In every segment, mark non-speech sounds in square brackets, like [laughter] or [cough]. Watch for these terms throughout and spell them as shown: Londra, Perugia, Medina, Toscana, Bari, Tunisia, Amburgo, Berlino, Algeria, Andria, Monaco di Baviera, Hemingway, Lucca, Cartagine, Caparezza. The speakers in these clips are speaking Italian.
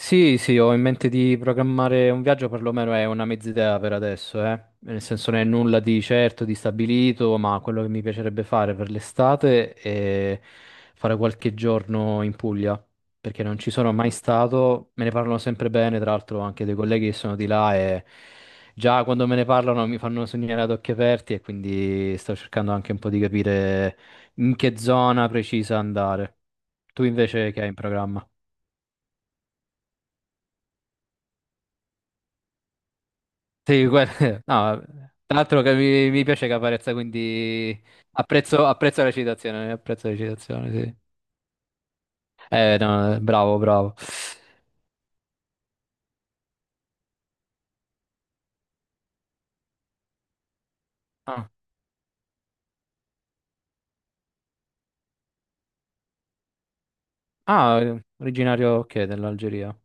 Sì, sì, ho in mente di programmare un viaggio, perlomeno è una mezz'idea per adesso, eh. Nel senso non è nulla di certo, di stabilito, ma quello che mi piacerebbe fare per l'estate è fare qualche giorno in Puglia, perché non ci sono mai stato, me ne parlano sempre bene, tra l'altro anche dei colleghi che sono di là e già quando me ne parlano mi fanno sognare ad occhi aperti e quindi sto cercando anche un po' di capire in che zona precisa andare. Tu invece che hai in programma? Sì, [laughs] no, tra l'altro che mi piace Caparezza, quindi apprezzo, apprezzo la citazione, sì. No, bravo, bravo. Ah, ah, originario, ok, dell'Algeria.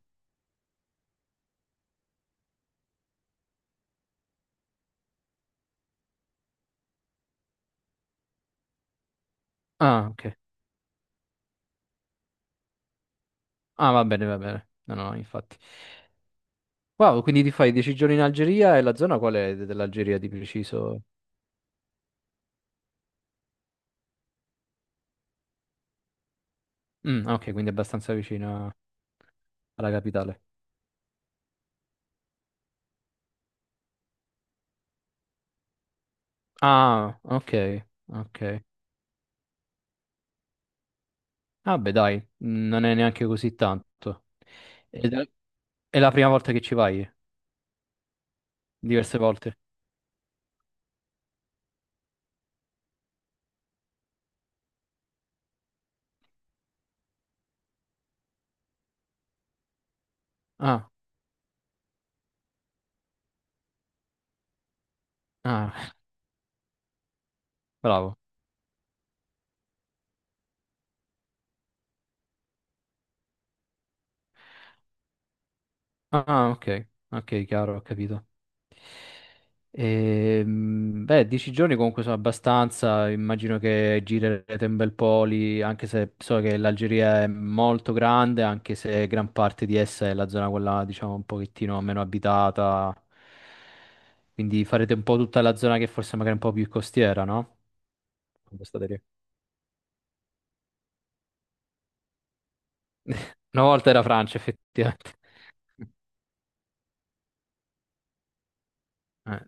Ah, ok. Ah, va bene, va bene. No, no, infatti. Wow, quindi ti fai 10 giorni in Algeria e la zona qual è dell'Algeria di preciso? Mm, ah, ok, quindi abbastanza vicina alla capitale. Ah, ok, ok. Ah, beh, dai, non è neanche così tanto. Ed è la prima volta che ci vai? Diverse volte? Ah, ah, [laughs] bravo. Ah, ok, ok, chiaro, ho capito. Beh, 10 giorni comunque sono abbastanza, immagino che girerete un bel po' lì, anche se so che l'Algeria è molto grande, anche se gran parte di essa è la zona quella, diciamo, un pochettino meno abitata. Quindi farete un po' tutta la zona che forse magari è un po' più costiera, no? Quando state lì. [laughs] Una volta era Francia, effettivamente. [laughs] Eh.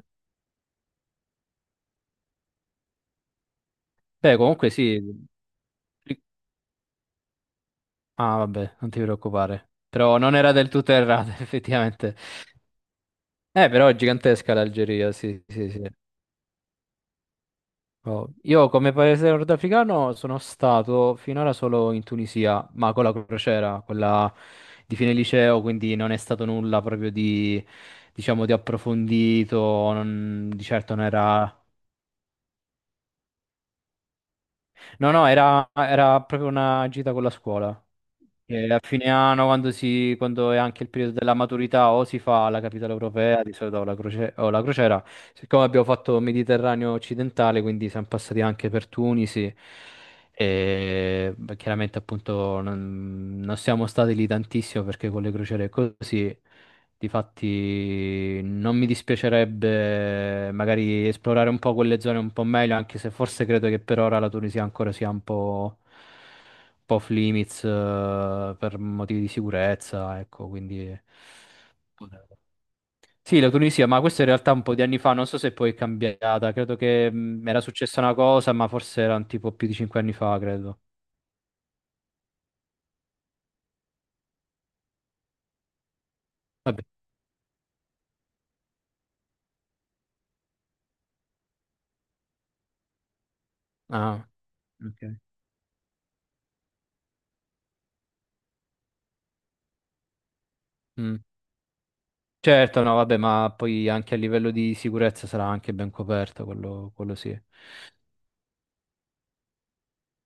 Beh, comunque sì. Ah, vabbè, non ti preoccupare. Però non era del tutto errata, [laughs] effettivamente. Però è gigantesca l'Algeria, sì, sì, sì. Oh, io come paese nordafricano sono stato finora solo in Tunisia, ma con la crociera, quella di fine liceo, quindi non è stato nulla proprio di, diciamo, di approfondito, di certo non era. No, no, era proprio una gita con la scuola. E a fine anno, quando, si, quando è anche il periodo della maturità, o si fa la capitale europea, di solito o la crociera. Siccome abbiamo fatto Mediterraneo occidentale, quindi siamo passati anche per Tunisi. E beh, chiaramente, appunto, non siamo stati lì tantissimo perché con le crociere è così. Difatti, non mi dispiacerebbe magari esplorare un po' quelle zone un po' meglio, anche se forse credo che per ora la Tunisia ancora sia un po' off limits, per motivi di sicurezza, ecco, quindi. Sì, la Tunisia, ma questo in realtà un po' di anni fa, non so se poi è cambiata, credo che era successa una cosa, ma forse erano tipo più di 5 anni fa, credo. Vabbè. Ah, ok. Mm. Certo, no, vabbè, ma poi anche a livello di sicurezza sarà anche ben coperto, quello sì.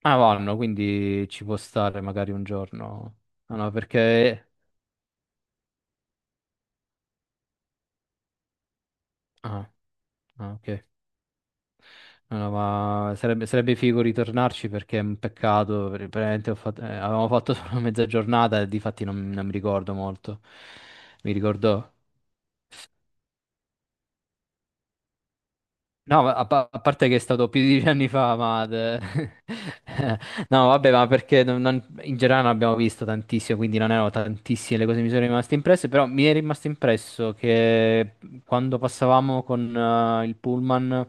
Ah, vanno, quindi ci può stare magari un giorno. No, no, perché. Ah, ah, ok. No, no, ma sarebbe figo ritornarci perché è un peccato, veramente avevamo fatto [laughs] solo mezza giornata e difatti non mi ricordo molto. Mi ricordo. No, ma a parte che è stato più di 10 anni fa, ma. [laughs] No, vabbè, ma perché in generale non abbiamo visto tantissimo, quindi non erano tantissime le cose che mi sono rimaste impresse, però mi è rimasto impresso che quando passavamo con il pullman,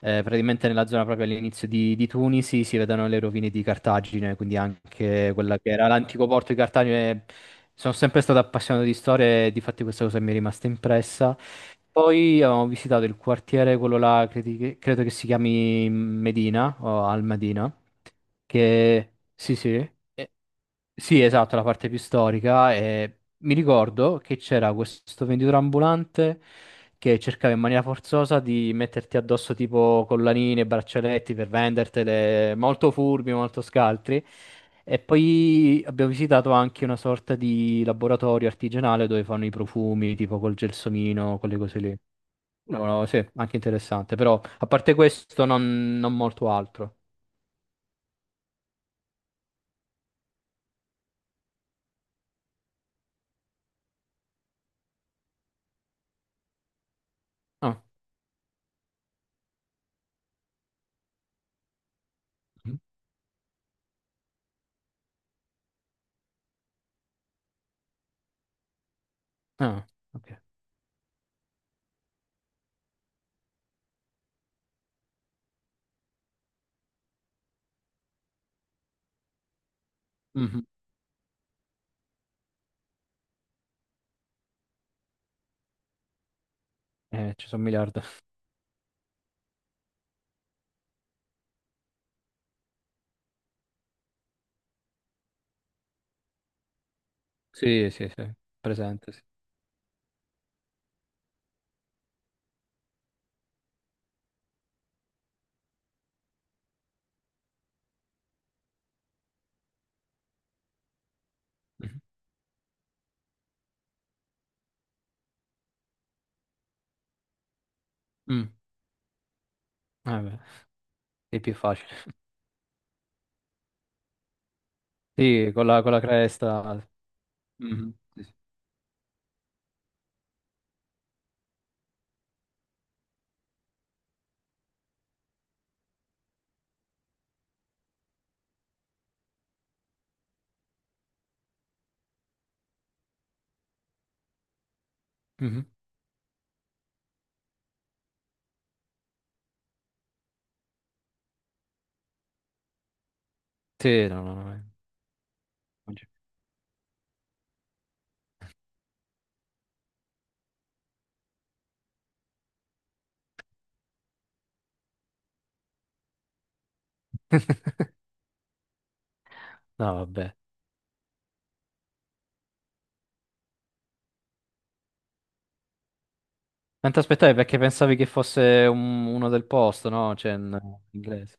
praticamente nella zona proprio all'inizio di Tunisi, si vedono le rovine di Cartagine, quindi anche quella che era l'antico porto di Cartagine. Sono sempre stato appassionato di storia e di fatti questa cosa mi è rimasta impressa. Poi abbiamo visitato il quartiere, quello là, credo che si chiami Medina o Al Medina, che sì, sì, eh, Sì, esatto, la parte più storica. E mi ricordo che c'era questo venditore ambulante che cercava in maniera forzosa di metterti addosso tipo collanine, braccialetti per vendertele, molto furbi, molto scaltri. E poi abbiamo visitato anche una sorta di laboratorio artigianale dove fanno i profumi, tipo col gelsomino, quelle cose lì. No, no, sì, anche interessante, però a parte questo non molto altro. Ah, ah, ok. Mhm. Ci sono un miliardo. Sì, sì, sì, presente, sì. Mhm. Mm. Eh beh, è più facile. [laughs] Sì, con la cresta. Mhm, sì, sì. Mhm. Sì, no, no, no. Eh. Non c'è. [laughs] No, vabbè. Non ti aspettavi perché pensavi che fosse uno del posto, no? Cioè, in inglese.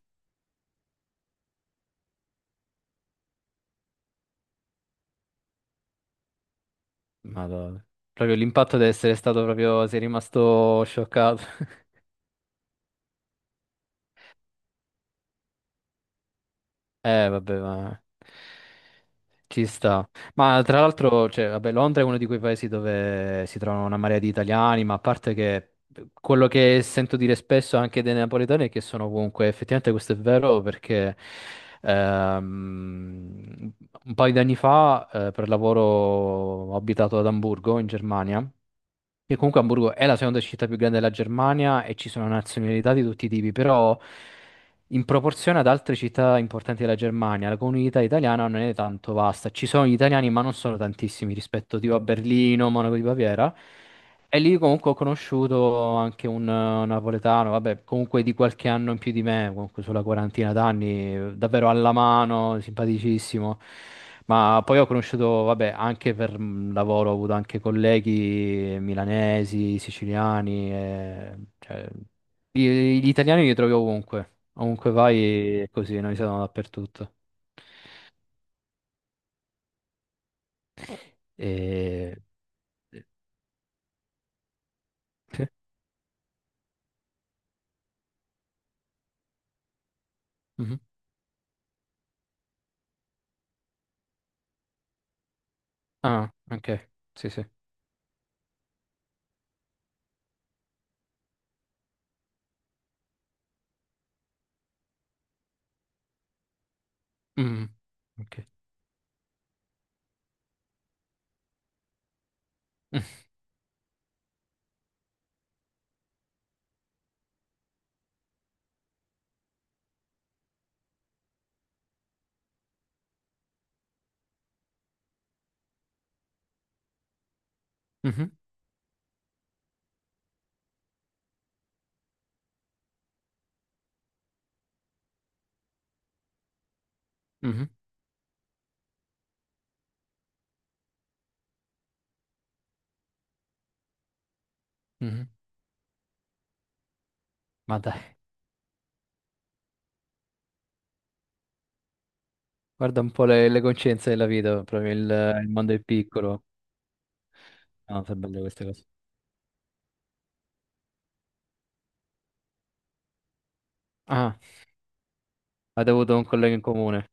Madonna. Proprio l'impatto deve essere stato proprio. Sei rimasto scioccato. [laughs] Vabbè, ma ci sta. Ma tra l'altro, cioè, vabbè, Londra è uno di quei paesi dove si trovano una marea di italiani, ma a parte che quello che sento dire spesso anche dei napoletani è che sono ovunque. Effettivamente questo è vero perché ehm, un paio di anni fa, per lavoro, ho abitato ad Amburgo, in Germania. Che comunque Hamburgo è la seconda città più grande della Germania e ci sono nazionalità di tutti i tipi, però in proporzione ad altre città importanti della Germania, la comunità italiana non è tanto vasta. Ci sono gli italiani, ma non sono tantissimi rispetto tipo a Berlino, Monaco di Baviera. E lì comunque ho conosciuto anche un napoletano, vabbè, comunque di qualche anno in più di me, comunque sulla quarantina d'anni, davvero alla mano, simpaticissimo. Ma poi ho conosciuto, vabbè, anche per lavoro, ho avuto anche colleghi milanesi, siciliani, cioè, gli italiani li trovi ovunque, ovunque vai è così, noi siamo dappertutto. E. [laughs] Sì? Mhm. Ah, ok, sì, sì. Mhm. Ok. [laughs] Mhm. Mhm, mhm. Ma dai, guarda un po' le coscienze della vita, proprio il mondo è piccolo. No, sono belle queste cose. Ah, avete avuto un collega in comune.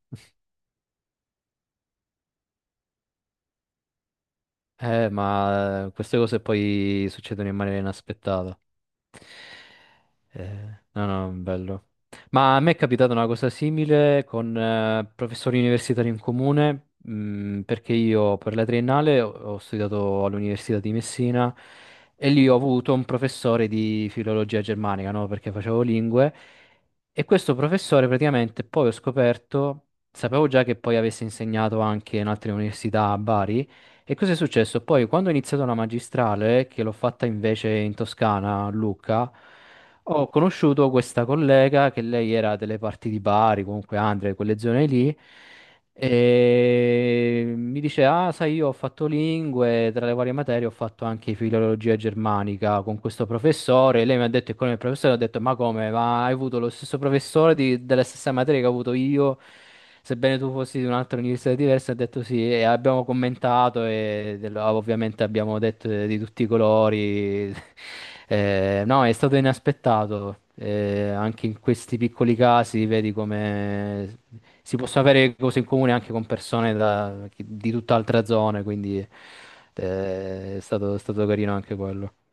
Ma queste cose poi succedono in maniera inaspettata. No, no, bello. Ma a me è capitata una cosa simile con professori universitari in comune, perché io per la triennale ho studiato all'Università di Messina e lì ho avuto un professore di filologia germanica, no? Perché facevo lingue. E questo professore praticamente poi ho scoperto, sapevo già che poi avesse insegnato anche in altre università a Bari. E cosa è successo? Poi, quando ho iniziato la magistrale, che l'ho fatta invece in Toscana, a Lucca, ho conosciuto questa collega che lei era delle parti di Bari, comunque Andria, di quelle zone lì, e mi dice, ah, sai, io ho fatto lingue, tra le varie materie ho fatto anche filologia germanica con questo professore. Lei mi ha detto, e con il professore ho detto, ma come? Ma hai avuto lo stesso professore della stessa materia che ho avuto io? Sebbene tu fossi di un'altra università diversa, ha detto sì, e abbiamo commentato e ovviamente abbiamo detto di tutti i colori. [laughs] No, è stato inaspettato. Anche in questi piccoli casi vedi come si possono avere cose in comune anche con persone di tutt'altra zona, quindi è stato, carino anche quello.